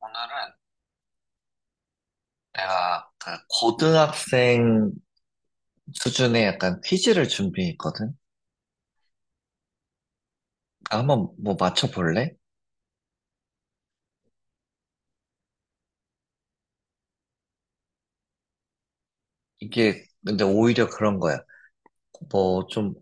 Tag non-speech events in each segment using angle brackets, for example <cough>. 오늘은 내가 그 고등학생 수준의 약간 퀴즈를 준비했거든? 아, 한번 뭐 맞춰볼래? 이게 근데 오히려 그런 거야. 뭐 좀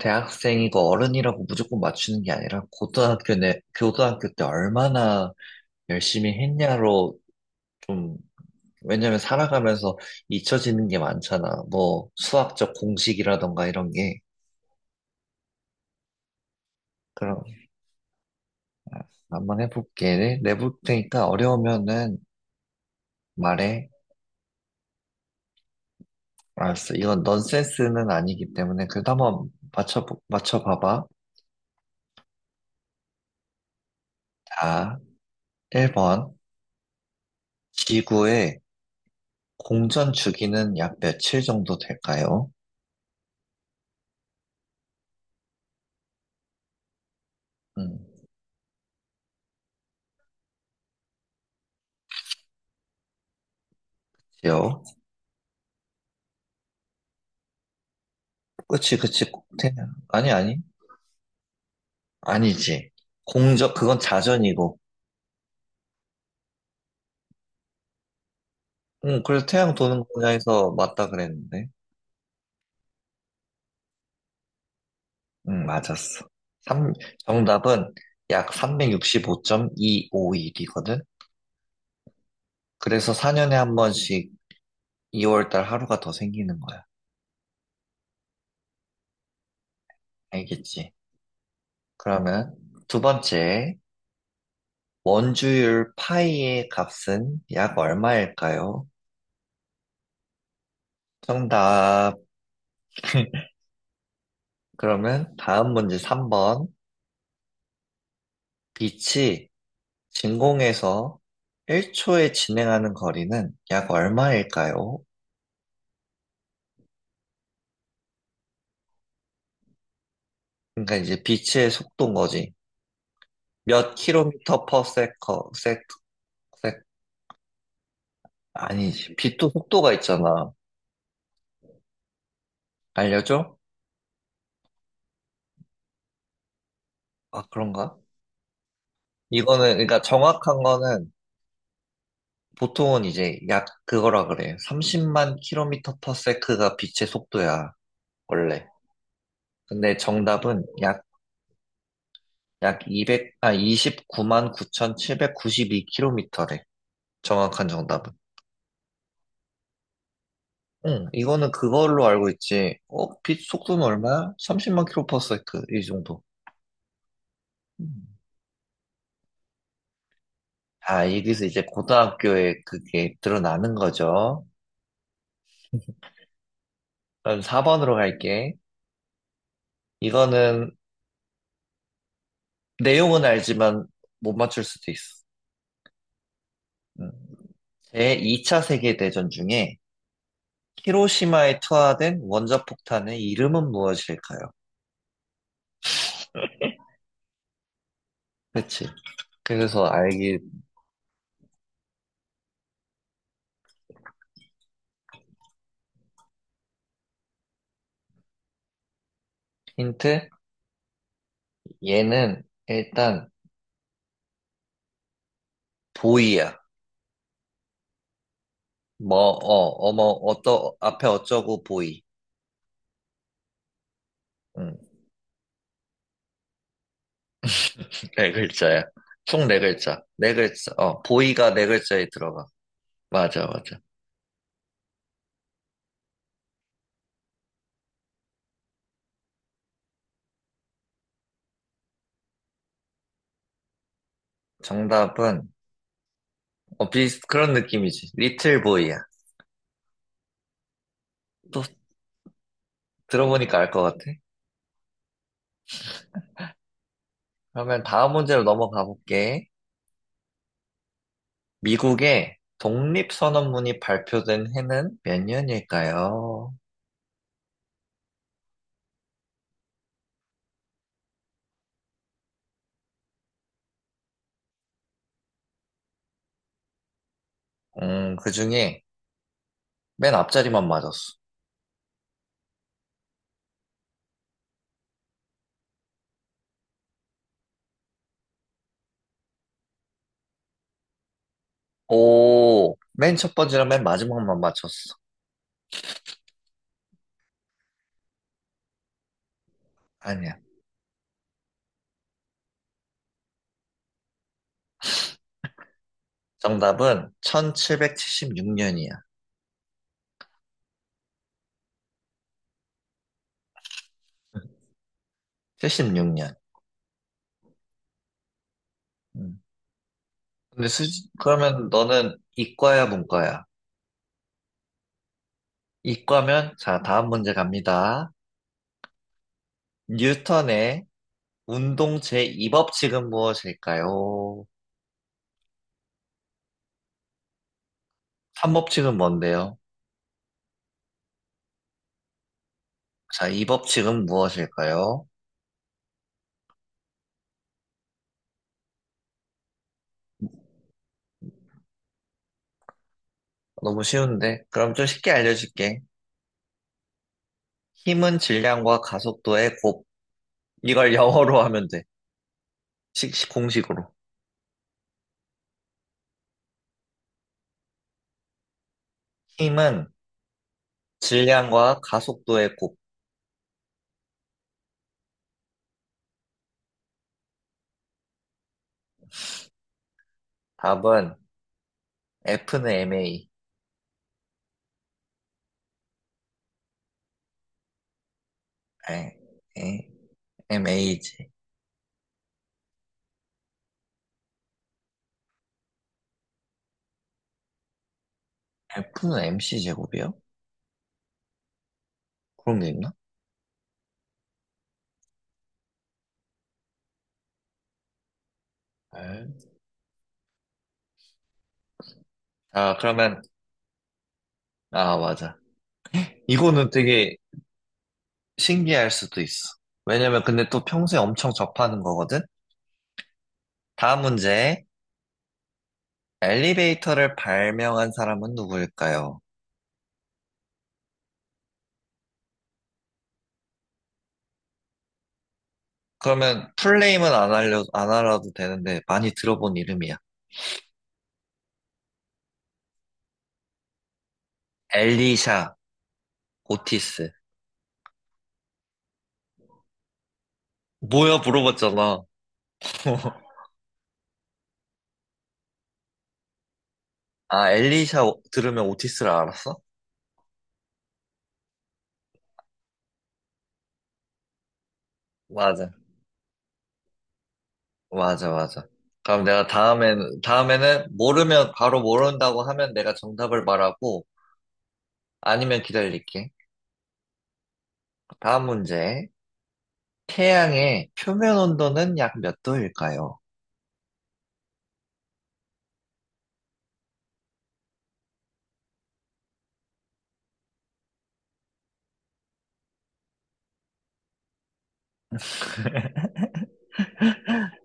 대학생이고 어른이라고 무조건 맞추는 게 아니라 고등학교 때 얼마나 열심히 했냐로 좀, 왜냐면 살아가면서 잊혀지는 게 많잖아. 뭐 수학적 공식이라던가 이런 게. 그럼 아, 한번 해볼게. 내볼 테니까 어려우면은 말해. 알았어. 이건 넌센스는 아니기 때문에 그래도 한번 맞춰봐봐. 자, 1번. 지구의 공전 주기는 약 며칠 정도 될까요? 음, 지요. 그치, 그치. 꼭 태양. 아니, 아니. 아니지. 공전, 그건 자전이고. 응, 그래서 태양 도는 거냐에서 맞다 그랬는데. 응, 맞았어. 삼- 정답은 약 3 6 5 2 5오일이거든 그래서 4년에 한 번씩 2월달 하루가 더 생기는 거야. 알겠지? 그러면 두 번째, 원주율 파이의 값은 약 얼마일까요? 정답. <laughs> 그러면 다음 문제 3번. 빛이 진공에서 1초에 진행하는 거리는 약 얼마일까요? 그러니까 이제 빛의 속도인 거지. 몇 킬로미터 퍼 세커, 세, 아니지. 빛도 속도가 있잖아. 알려줘? 아, 그런가? 이거는, 그러니까 정확한 거는 보통은 이제 약 그거라 그래. 30만 킬로미터 퍼 세크가 빛의 속도야, 원래. 근데 정답은 약 200, 29만 9,792 킬로미터래. 정확한 정답은. 응, 이거는 그걸로 알고 있지. 어, 빛 속도는 얼마야? 30만 킬로 퍼 세크, 이 정도. 음. 아, 여기서 이제 고등학교에 그게 드러나는 거죠. 그럼 4번으로 갈게. 이거는 내용은 알지만 못 맞출 수도 있어. 응. 제2차 세계대전 중에 히로시마에 투하된 원자폭탄의 이름은 무엇일까요? 그치. 그래서 알기 힌트? 얘는 일단 보이야. 뭐, 앞에 어쩌고 보이. 음. <laughs> 네 글자야. 총 네 글자. 네 글자. 보이가 네 글자에 들어가. 맞아, 맞아. 정답은, 비슷, 그런 느낌이지. 리틀 보이야. 또 들어보니까 알 것 같아. 그러면 다음 문제로 넘어가 볼게. 미국의 독립선언문이 발표된 해는 몇 년일까요? 그 중에 맨 앞자리만 맞았어. 오, 맨 첫 번째랑 맨 마지막만 맞췄어. 아니야. 정답은 1776년이야. 76년. 근데 그러면 너는 이과야, 문과야? 이과면, 자, 다음 문제 갑니다. 뉴턴의 운동 제2법칙은 무엇일까요? 3법칙은 뭔데요? 자, 2법칙은 무엇일까요? 너무 쉬운데? 그럼 좀 쉽게 알려줄게. 힘은 질량과 가속도의 곱. 이걸 영어로 하면 돼. 공식으로. 힘은 질량과 가속도의 곱. 답은 F는 MA. 에, 에, MA지. F는 MC 제곱이요? 그런 게 있나? 에? 아, 그러면, 맞아. 이거는 되게 신기할 수도 있어. 왜냐면 근데 또 평소에 엄청 접하는 거거든? 다음 문제. 엘리베이터를 발명한 사람은 누구일까요? 그러면 풀네임은 안 알아도 되는데 많이 들어본 이름이야. 엘리샤, 오티스. 뭐야 물어봤잖아. <laughs> 아, 엘리샤 들으면 오티스를 알았어? 맞아. 맞아, 맞아. 그럼 내가 다음에는 모르면 바로 모른다고 하면 내가 정답을 말하고 아니면 기다릴게. 다음 문제. 태양의 표면 온도는 약 몇 도일까요?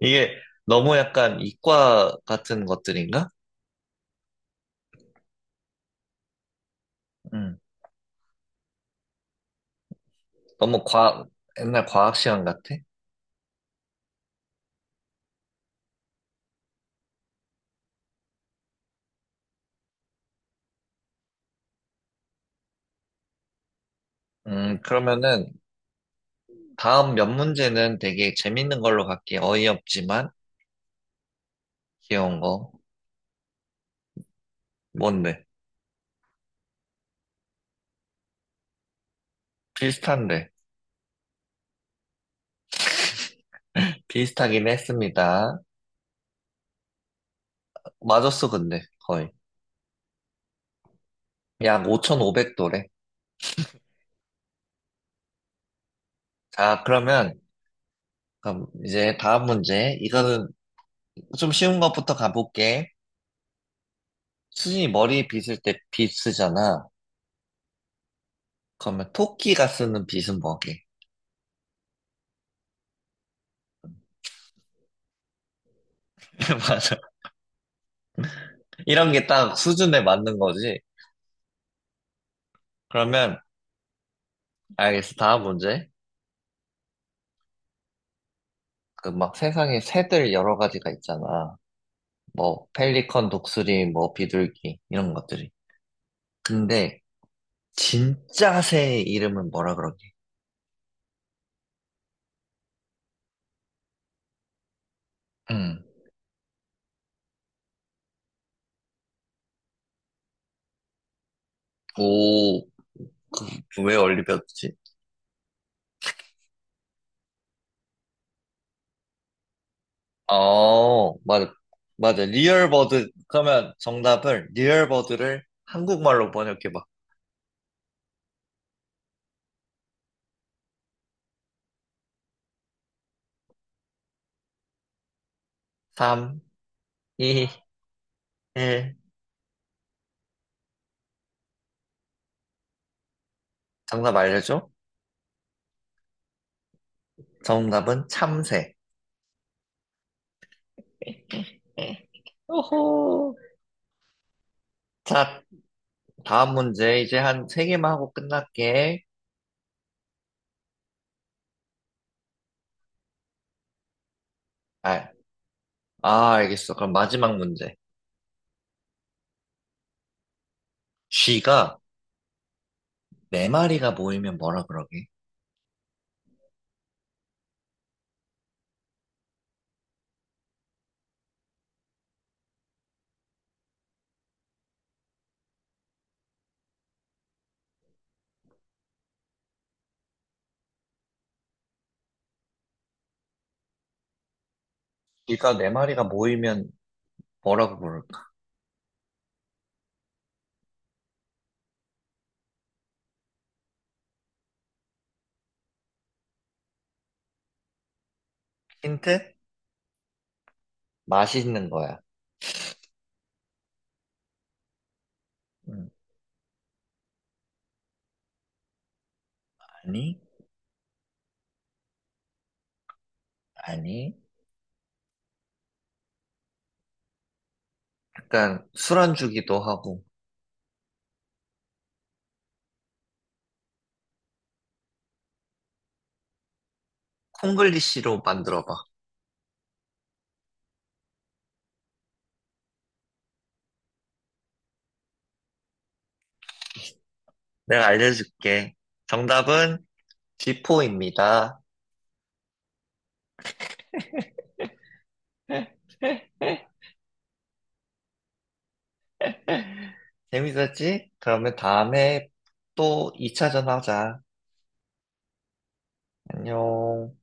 이게 너무 약간 이과 같은 것들인가? 응. 너무 옛날 과학 시간 같아. 그러면은 다음 몇 문제는 되게 재밌는 걸로 갈게. 어이없지만 귀여운 거. 뭔데? 비슷한데. 비슷하긴 했습니다. 맞았어, 근데 거의. 약 5,500도래. 자, 그러면 그럼 이제 다음 문제. 이거는 좀 쉬운 것부터 가볼게. 수진이 머리 빗을 때 빗 쓰잖아. 그러면 토끼가 쓰는 빗은 뭐게? <laughs> 맞아. 이런 게 딱 수준에 맞는 거지. 그러면 알겠어. 다음 문제. 그 막 세상에 새들 여러 가지가 있잖아. 뭐 펠리컨, 독수리, 뭐 비둘기 이런 것들이. 근데 진짜 새의 이름은 뭐라 그러게? 응. 오, 왜 얼리버드지? 어, 맞아. 맞아. 리얼버드. 그러면 정답을 리얼버드를 한국말로 번역해 봐. 3, 2, 1. 정답 알려줘? 정답은 참새. 예. 오호. 자, 다음 문제 이제 한 세 개만 하고 끝날게. 아, 아, 알겠어. 그럼 마지막 문제. 쥐가 네 마리가 모이면 뭐라 그러게? 쥐가 네 마리가 모이면 뭐라고 부를까? 힌트? 맛있는 거야. 음, 아니, 아니. 약간 술안주기도 하고. 콩글리시로 만들어봐. 내가 알려줄게. 정답은 쥐포입니다. <laughs> 재밌었지? 그러면 다음에 또 2차전 하자. 안녕.